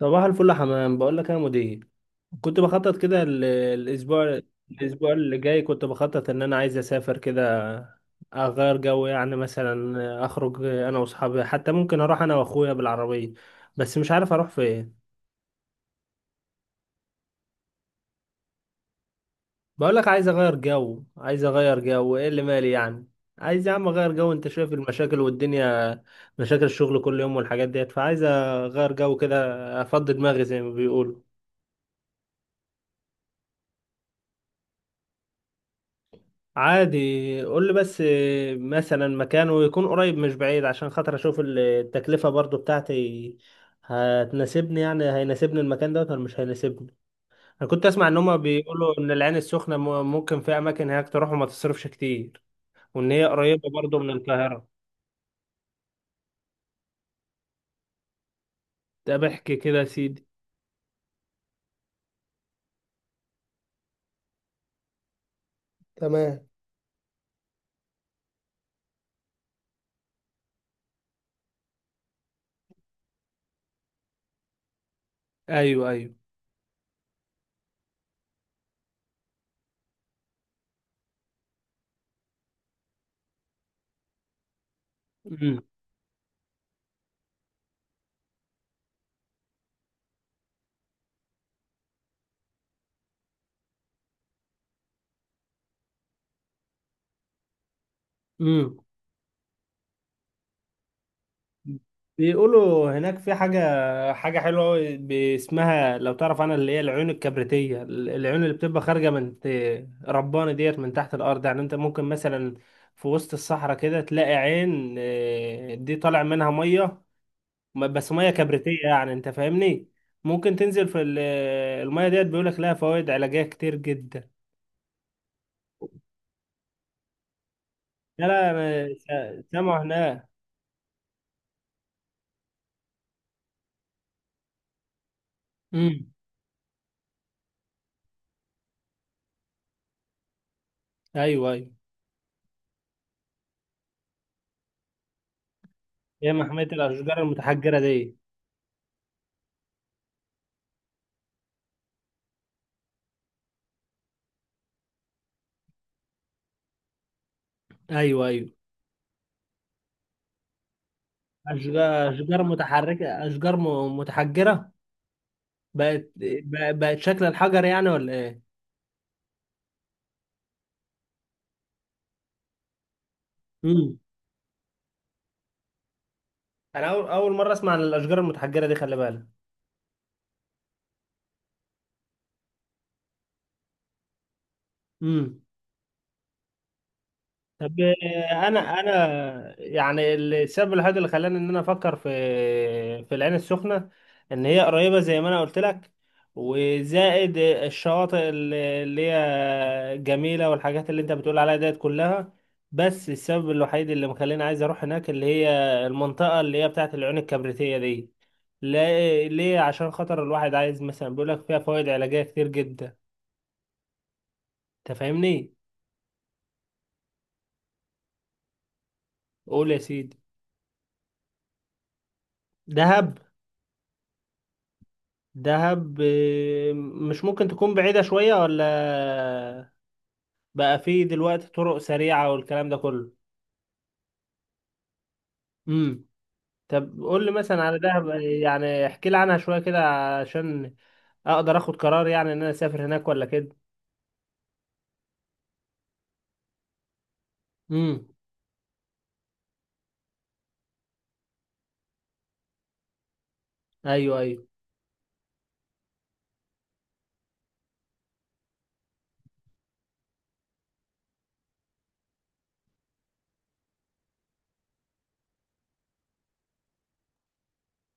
صباح الفل يا حمام، بقول لك يا مدير. كنت بخطط كده الاسبوع اللي جاي. كنت بخطط ان انا عايز اسافر كده، اغير جو. يعني مثلا اخرج انا واصحابي، حتى ممكن اروح انا واخويا بالعربيه. بس مش عارف اروح فين. بقول لك عايز اغير جو، ايه اللي مالي يعني؟ عايز يا عم اغير جو، انت شايف المشاكل والدنيا. مشاكل الشغل كل يوم والحاجات ديت، فعايز اغير جو كده، افضي دماغي زي ما بيقولوا. عادي. قول لي بس. مثلا مكانه يكون قريب مش بعيد، عشان خاطر اشوف التكلفة برضو بتاعتي هتناسبني، يعني هيناسبني المكان دوت ولا مش هيناسبني. انا كنت اسمع ان هما بيقولوا ان العين السخنة ممكن في اماكن هناك تروح وما تصرفش كتير، وان هي قريبة برضو من القاهرة. ده بحكي كده يا سيدي. تمام. ايوه، ايوه. امم. إمم. بيقولوا هناك في حاجة حلوة أوي اسمها، لو تعرف عنها، اللي هي العيون الكبريتية، العيون اللي بتبقى خارجة من ربانة ديت من تحت الأرض. يعني أنت ممكن مثلا في وسط الصحراء كده تلاقي عين، دي طالع منها مية، بس مية كبريتية، يعني أنت فاهمني. ممكن تنزل في المية ديت، بيقولك لها فوائد علاجية كتير جدا. لا، لا، أنا سامعه هناك. أمم. أيوه، أيوه. هي محمية الأشجار المتحجرة دي؟ أيوه، أيوه. أشجار متحجرة، بقت شكل الحجر يعني ولا إيه؟ امم. أنا أول مرة أسمع عن الأشجار المتحجرة دي، خلي بالك. امم. طب، انا يعني السبب الوحيد اللي خلاني ان انا افكر في العين السخنه، ان هي قريبه زي ما انا قلت لك، وزائد الشواطئ اللي هي جميله والحاجات اللي انت بتقول عليها ديت كلها. بس السبب الوحيد اللي مخليني عايز اروح هناك اللي هي المنطقه اللي هي بتاعه العيون الكبريتيه دي. ليه؟ عشان خاطر الواحد عايز مثلا، بيقول لك فيها فوائد علاجيه كتير جدا، انت فاهمني. قول يا سيدي. دهب؟ دهب مش ممكن تكون بعيدة شوية، ولا بقى فيه دلوقتي طرق سريعة والكلام ده كله؟ امم. طب قول لي مثلا على دهب، يعني احكي لي عنها شوية كده، عشان اقدر اخد قرار، يعني ان انا اسافر هناك ولا كده. امم. ايوه، ايوه.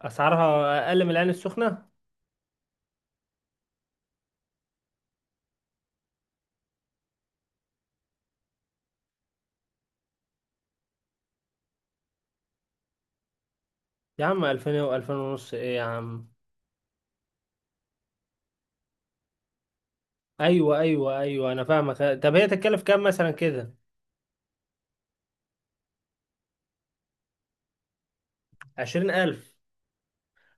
اسعارها اقل من العين السخنة؟ يا عم، 2000 و2000 ونص ايه يا عم؟ ايوه، ايوه، ايوه، انا فاهمك. طب هي تتكلف كام مثلا كده؟ 20,000؟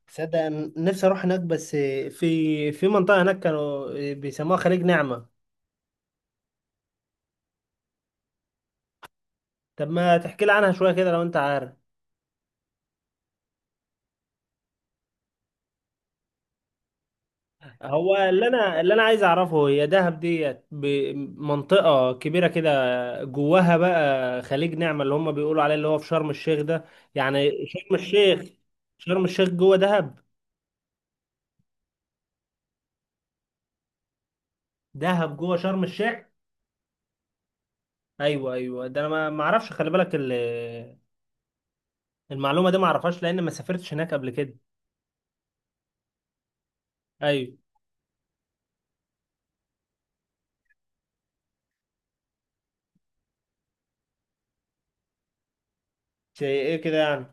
تصدق، أنا نفسي اروح هناك، بس في منطقه هناك كانوا بيسموها خليج نعمه. طب ما تحكي لي عنها شويه كده لو انت عارف. هو اللي انا عايز اعرفه، هي دهب ديت منطقه كبيره كده، جواها بقى خليج نعمه اللي هم بيقولوا عليه اللي هو في شرم الشيخ ده، يعني شرم الشيخ؟ شرم الشيخ جوه دهب؟ دهب جوه شرم الشيخ؟ ايوه، ايوه، ده انا ما اعرفش، خلي بالك المعلومه دي ما اعرفهاش، لان ما سافرتش هناك قبل كده. ايوه. زي ايه كده يعني؟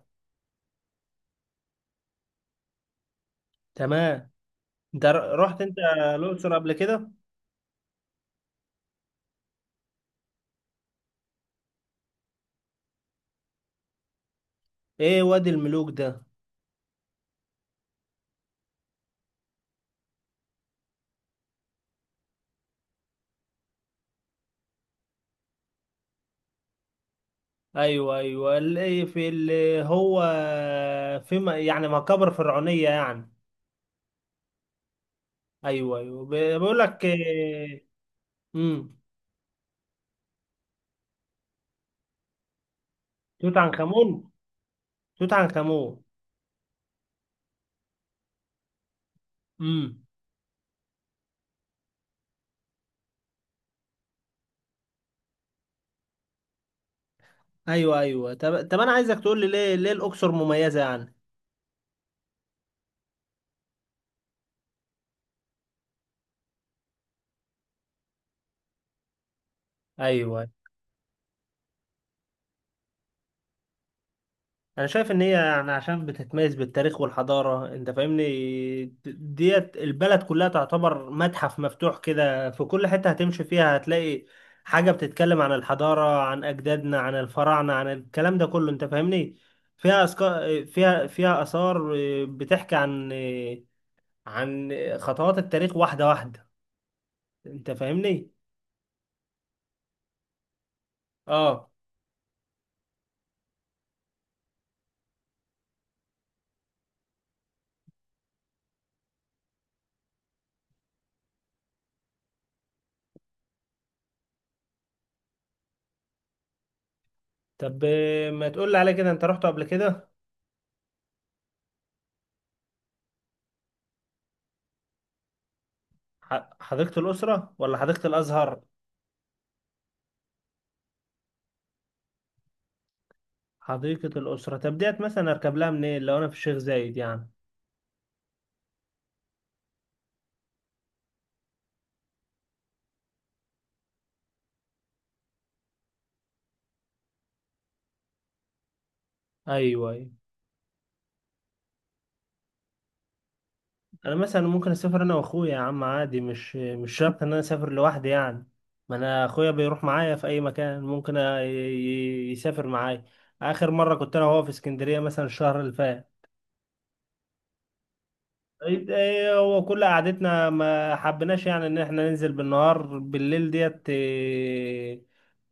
تمام. انت رحت انت الاقصر قبل كده؟ ايه وادي الملوك ده؟ ايوه، ايوه، اللي في اللي هو في يعني مقابر فرعونيه يعني؟ ايوه، ايوه، بيقول لك امم. توت عنخ امون. توت عنخ امون. امم. ايوه، ايوه. طب، انا عايزك تقول لي ليه الاقصر مميزه يعني؟ ايوه. انا شايف ان هي يعني عشان بتتميز بالتاريخ والحضاره، انت فاهمني. ديت البلد كلها تعتبر متحف مفتوح كده، في كل حته هتمشي فيها هتلاقي حاجه بتتكلم عن الحضاره، عن اجدادنا، عن الفراعنه، عن الكلام ده كله، انت فاهمني. فيها أسكا... فيها فيها اثار، بتحكي عن عن خطوات التاريخ واحده واحده، انت فاهمني. اه. طب ما تقول لي على كده، انت رحت قبل كده؟ حديقه الاسره ولا حديقه الازهر؟ حديقة الأسرة. طب ديت مثلا أركب لها منين لو أنا في الشيخ زايد يعني؟ أيوه، أيوه. أنا مثلا ممكن أسافر أنا وأخويا يا عم، عادي، مش شرط إن أنا أسافر لوحدي يعني. ما أنا أخويا بيروح معايا في أي مكان، ممكن يسافر معايا. آخر مرة كنت أنا وهو في اسكندرية مثلا الشهر اللي فات. طيب، إيه هو كل قعدتنا ما حبيناش يعني إن إحنا ننزل بالنهار، بالليل ديت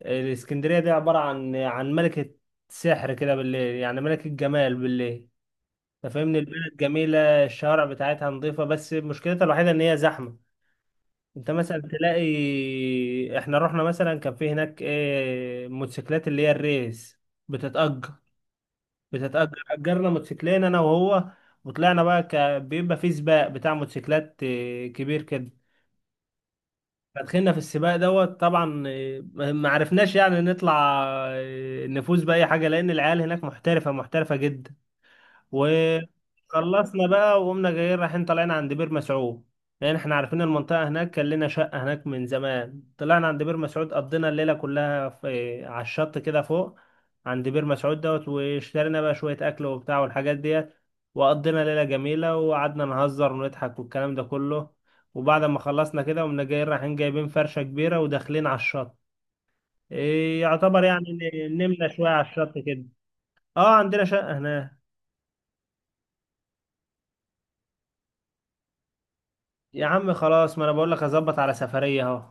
الإسكندرية دي عبارة عن ملكة سحر كده بالليل، يعني ملكة جمال بالليل. انت فاهمني. البلد جميلة، الشوارع بتاعتها نظيفة، بس مشكلتها الوحيدة ان هي زحمة. انت مثلا تلاقي، احنا رحنا مثلا، كان في هناك موتوسيكلات اللي هي الريس بتتأجر بتتأجر، أجرنا موتوسيكلين انا وهو، وطلعنا بقى، بيبقى في سباق بتاع موتوسيكلات كبير كده. فدخلنا في السباق دوت، طبعا ما عرفناش يعني نطلع، نفوز بأي حاجة، لأن العيال هناك محترفة محترفة جدا. وخلصنا بقى، وقمنا جايين رايحين طالعين عند بير مسعود، لان احنا عارفين المنطقه هناك، كان لنا شقه هناك من زمان. طلعنا عند بير مسعود، قضينا الليله كلها في على الشط كده فوق عند بير مسعود دوت، واشترينا بقى شويه اكل وبتاع والحاجات ديت، وقضينا ليله جميله، وقعدنا نهزر ونضحك والكلام ده كله. وبعد ما خلصنا كده، قمنا جايين رايحين جايبين فرشه كبيره وداخلين على الشط، إيه يعتبر يعني، نمنا شويه على الشط كده. اه، عندنا شقه هناك. يا عم خلاص، ما انا بقول لك اظبط على سفرية اهو.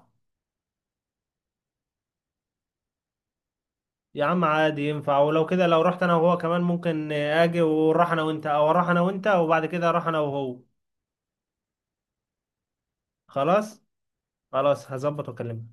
يا عم عادي ينفع، ولو كده لو رحت انا وهو كمان ممكن اجي ونروح انا وانت، او اروح انا وانت وبعد كده اروح انا وهو. خلاص. خلاص، هظبط واكلمك.